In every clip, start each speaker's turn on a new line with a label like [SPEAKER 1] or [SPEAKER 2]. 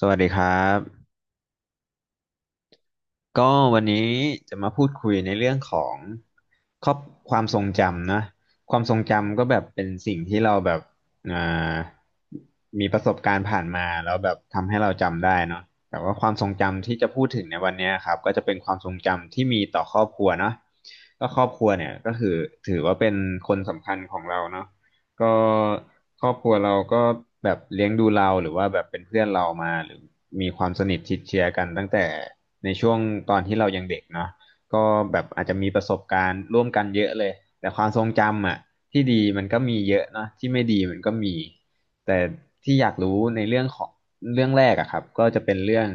[SPEAKER 1] สวัสดีครับก็วันนี้จะมาพูดคุยในเรื่องของครอบความทรงจำนะความทรงจำก็แบบเป็นสิ่งที่เราแบบอ่ามีประสบการณ์ผ่านมาแล้วแบบทำให้เราจำได้เนาะแต่ว่าความทรงจำที่จะพูดถึงในวันเนี้ยครับก็จะเป็นความทรงจำที่มีต่อครอบครัวเนาะก็ครอบครัวเนี่ยก็คือถือว่าเป็นคนสำคัญของเราเนาะ ก็ครอบครัวเราก็แบบเลี้ยงดูเราหรือว่าแบบเป็นเพื่อนเรามาหรือมีความสนิทชิดเชื้อกันตั้งแต่ในช่วงตอนที่เรายังเด็กเนาะก็แบบอาจจะมีประสบการณ์ร่วมกันเยอะเลยแต่ความทรงจำอ่ะที่ดีมันก็มีเยอะเนาะที่ไม่ดีมันก็มีแต่ที่อยากรู้ในเรื่องของเรื่องแรกอะครับก็จะเป็นเรื่อง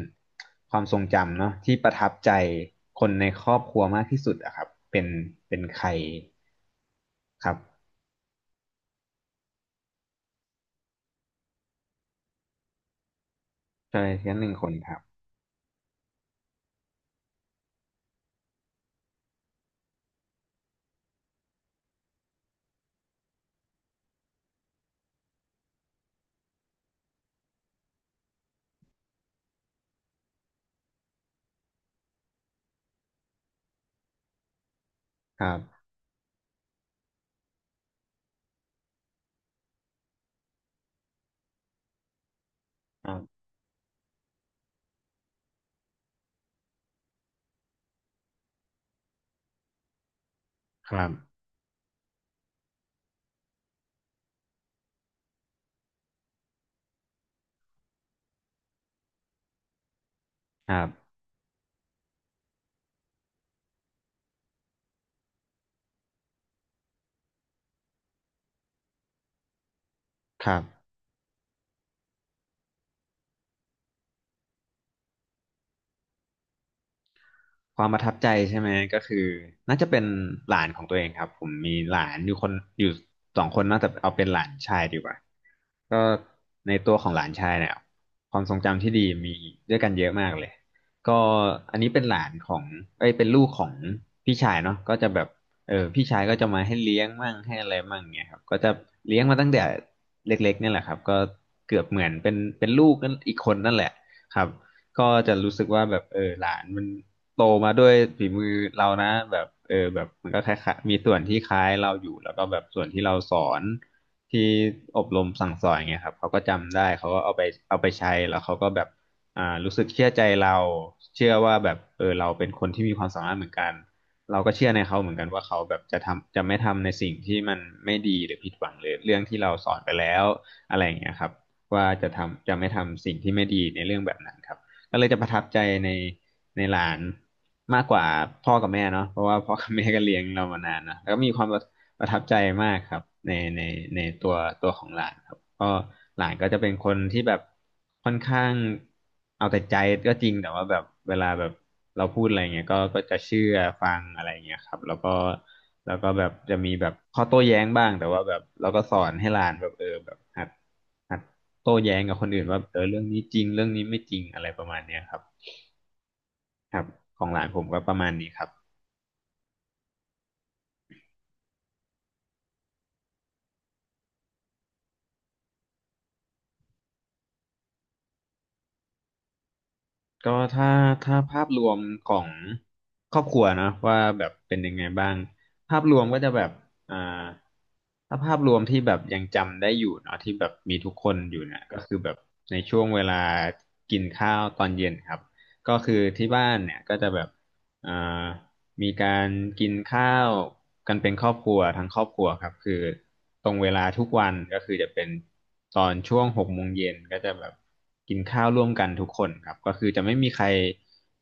[SPEAKER 1] ความทรงจำเนาะที่ประทับใจคนในครอบครัวมากที่สุดอะครับเป็นใครครับใช่แค่1คนครับครับ ครับครับครับครับ ความประทับใจใช่ไหมก็คือน่าจะเป็นหลานของตัวเองครับผมมีหลานอยู่คนอยู่2คนน่าจะเอาเป็นหลานชายดีกว่าก็ในตัวของหลานชายเนี่ยความทรงจำที่ดีมีด้วยกันเยอะมากเลยก็อันนี้เป็นหลานของเอ้ยเป็นลูกของพี่ชายเนาะก็จะแบบเออพี่ชายก็จะมาให้เลี้ยงมั่งให้อะไรมั่งเงี้ยครับก็จะเลี้ยงมาตั้งแต่เล็กๆเนี่ยแหละครับก็เกือบเหมือนเป็นลูกนั่นอีกคนนั่นแหละครับก็จะรู้สึกว่าแบบเออหลานมัน โตมาด้วยฝีมือเรานะแบบเออแบบมันก็คล้ายๆมีส่วนที่คล้ายเราอยู่แล้วก็แบบส่วนที่เราสอนที่อบรมสั่งสอนเงี้ยครับเขาก็จำได้เขาก็เอาไปใช้แล้วเขาก็แบบรู้สึกเชื่อใจเราเชื่อว่าแบบเออเราเป็นคนที่มีความสามารถเหมือนกันเราก็เชื่อในเขาเหมือนกันว่าเขาแบบจะทำจะไม่ทำในสิ่งที่มันไม่ดีหรือผิดหวังหรือเรื่องที่เราสอนไปแล้วอะไรอย่างเงี้ยครับว่าจะทำจะไม่ทำสิ่งที่ไม่ดีในเรื่องแบบนั้นครับ ก็เลยจะประทับใจในหลานมากกว่าพ่อกับแม่เนาะเพราะว่าพ่อกับแม่ก็เลี้ยงเรามานานนะแล้วก็มีความประประทับใจมากครับในในในตัวของหลานครับก็หลานก็จะเป็นคนที่แบบค่อนข้างเอาแต่ใจก็จริงแต่ว่าแบบเวลาแบบเราพูดอะไรเงี้ยก็ก็จะเชื่อฟังอะไรเงี้ยครับแล้วก็แบบจะมีแบบข้อโต้แย้งบ้างแต่ว่าแบบเราก็สอนให้หลานแบบเออแบบหัดหัด โต้แย้งกับคนอื่นว่าเออเรื่องนี้จริงเรื่องนี้ไม่จริงอะไรประมาณเนี้ยครับครับของหลานผมก็ประมาณนี้ครับก็ถ้าภาพรวมของครอบครัวเนอะว่าแบบเป็นยังไงบ้างภาพรวมก็จะแบบอ่าถ้าภาพรวมที่แบบยังจำได้อยู่เนาะที่แบบมีทุกคนอยู่เนี่ยก็คือแบบในช่วงเวลากินข้าวตอนเย็นครับก็คือที่บ้านเนี่ยก็จะแบบ อ่ามีการกินข้าวกันเป็นครอบครัวทั้งครอบครัวครับคือตรงเวลาทุกวันก็คือจะเป็นตอนช่วงหกโมงเย็นก็จะแบบกินข้าวร่วมกันทุกคนครับก็คือจะไม่มีใคร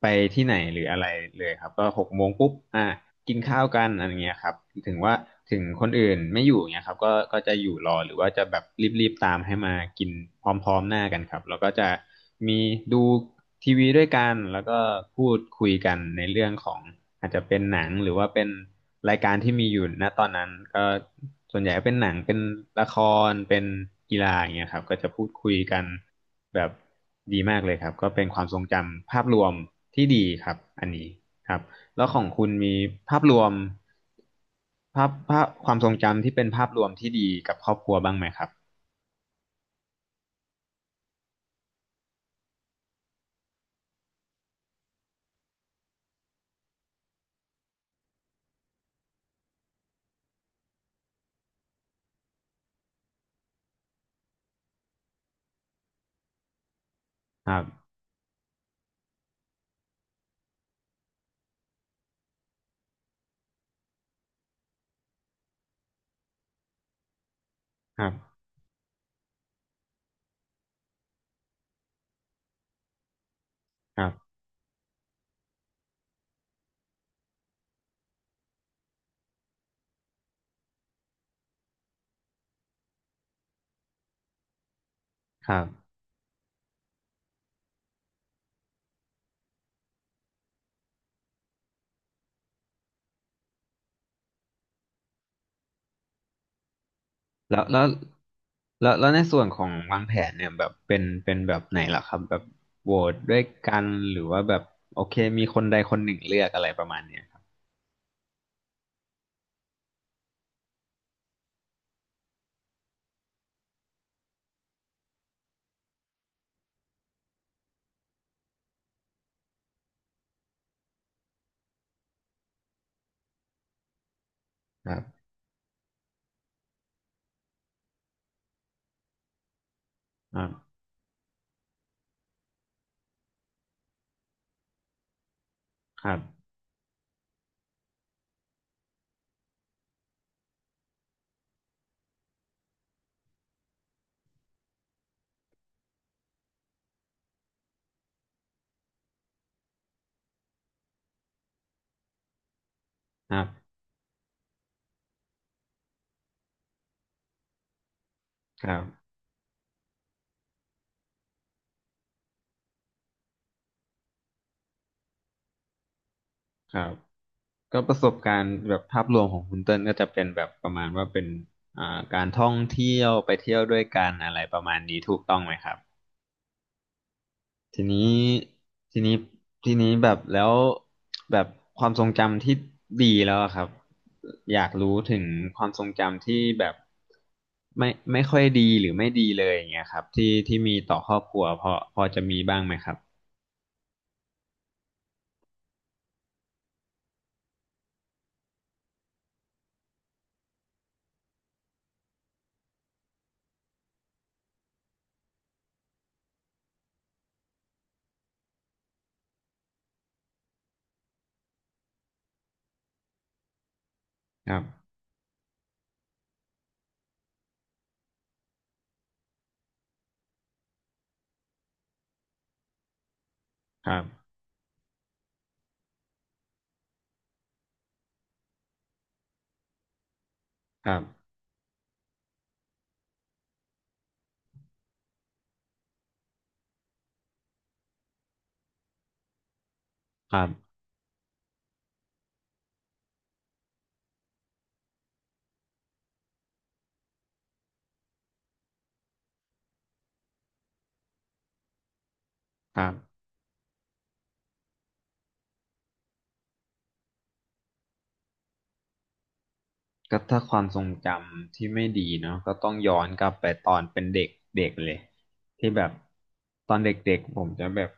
[SPEAKER 1] ไปที่ไหนหรืออะไรเลยครับก็หกโมงปุ๊บกินข้าวกันอะไรเงี้ยครับถึงว่าถึงคนอื่นไม่อยู่เงี้ยครับก็ก็จะอยู่รอหรือว่าจะแบบรีบๆตามให้มากินพร้อมๆหน้ากันครับแล้วก็จะ มีดูทีวีด้วยกันแล้วก็พูดคุยกันในเรื่องของอาจจะเป็นหนังหรือว่าเป็นรายการที่มีอยู่ณตอนนั้นก็ส่วนใหญ่ก็เป็นหนังเป็นละครเป็นกีฬาอย่างเงี้ยครับก็จะพูดคุยกันแบบดีมากเลยครับก็เป็นความทรงจำภาพรวมที่ดีครับอันนี้ครับแล้วของคุณมีภาพรวมภาพความทรงจำที่เป็นภาพรวมที่ดีกับครอบครัวบ้างไหมครับครับครับครับครับ แล้วแล้วแล้วในส่วนของวางแผนเนี่ยแบบเป็นแบบไหนล่ะครับแบบโหวตด้วยกันหรือว่าแบบโอเคมีคนใดคนหนึ่งเลือกอะไรประมาณเนี้ยครับครับครับครับครับครับครับก็ประสบการณ์แบบภาพรวมของคุณเติ้ลก็จะเป็นแบบประมาณว่าเป็นการท่องเที่ยวไปเที่ยวด้วยกันอะไรประมาณนี้ถูกต้องไหมครับ ทีนี้ทีนี้ทีนี้แบบแล้วแบบความทรงจำที่ดีแล้วอะครับอยากรู้ถึงความทรงจำที่แบบไม่ค่อยดีหรือไม่ดีเลยอย่างเงี้ยครับที่มีต่อครอบครัวพอจะมีบ้างไหมครับครับครับครับครับครับ ก็ถ้าความทรงจำที่ไม่ดีเนาะก็ต้องย้อนกลับไปตอนเป็นเด็กเด็กเลยที่แบบตอนเด็กๆผมจะแบบ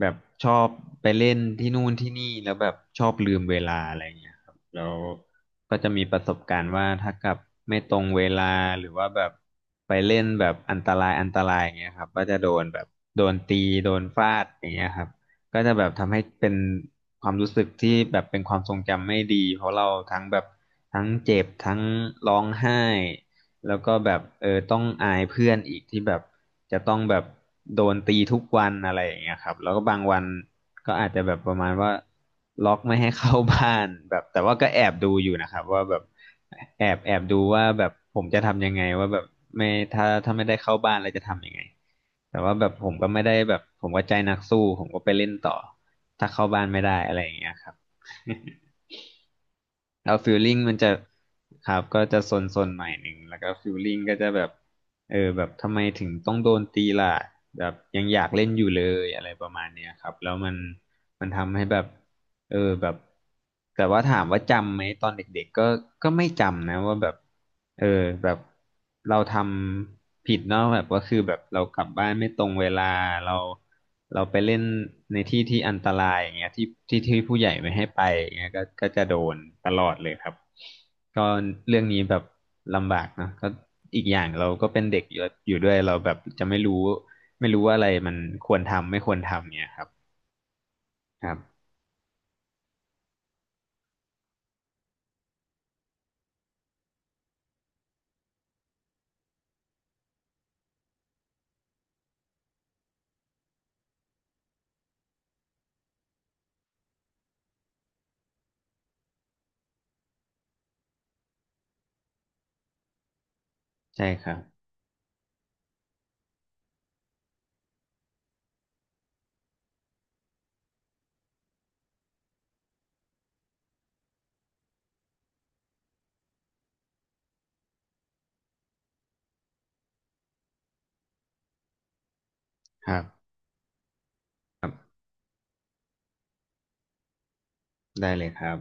[SPEAKER 1] แบบชอบไปเล่นที่นู่นที่นี่แล้วแบบชอบลืมเวลาอะไรเงี้ยครับแล้วก็จะมีประสบการณ์ว่าถ้ากลับไม่ตรงเวลาหรือว่าแบบไปเล่นแบบอันตรายอันตรายอย่างเงี้ยครับก็จะโดนแบบโดนตีโดนฟาดอย่างเงี้ยครับ ก็จะแบบทำให้เป็นความรู้สึกที่แบบเป็นความทรงจำไม่ดีเพราะเราทั้งแบบทั้งเจ็บทั้งร้องไห้แล้วก็แบบเออต้องอายเพื่อนอีกที่แบบจะต้องแบบโดนตีทุกวันอะไรอย่างเงี้ยครับแล้วก็บางวันก็อาจจะแบบประมาณว่าล็อกไม่ให้เข้าบ้านแบบแต่ว่าก็แอบดูอยู่นะครับว่าแบบแอบดูว่าแบบผมจะทำยังไงว่าแบบไม่ถ้าไม่ได้เข้าบ้านแล้วจะทำยังไง แต่ว่าแบบผมก็ไม่ได้แบบผมก็ใจนักสู้ผมก็ไปเล่นต่อถ้าเข้าบ้านไม่ได้อะไรอย่างเงี้ยครับ แล้วฟิลลิ่งมันจะครับก็จะซนๆหน่อยหนึ่งแล้วก็ฟิลลิ่งก็จะแบบเออแบบทำไมถึงต้องโดนตีล่ะแบบยังอยากเล่นอยู่เลยอะไรประมาณเนี้ยครับแล้วมันทำให้แบบ เออแบบแต่ว่าถามว่าจำไหมตอนเด็กๆก็ไม่จำนะว่าแบบเออแบบเราทำผิดเนาะแบบว่าคือแบบเรากลับบ้านไม่ตรงเวลาเราเราไปเล่นในที่ที่อันตรายอย่างเงี้ยที่ที่ผู้ใหญ่ไม่ให้ไปอย่างเงี้ยก็จะโดนตลอดเลยครับก็เรื่องนี้แบบลำบากเนอะก็อีกอย่างเราก็เป็นเด็กอยู่ด้วยเราแบบจะไม่รู้ว่าอะไรมันควรทำไม่ควรทำเนี่ยครับครับใช่ครับครับ ได้เลยครับ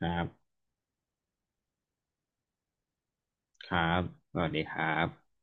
[SPEAKER 1] ครับครับสวัสดีครับ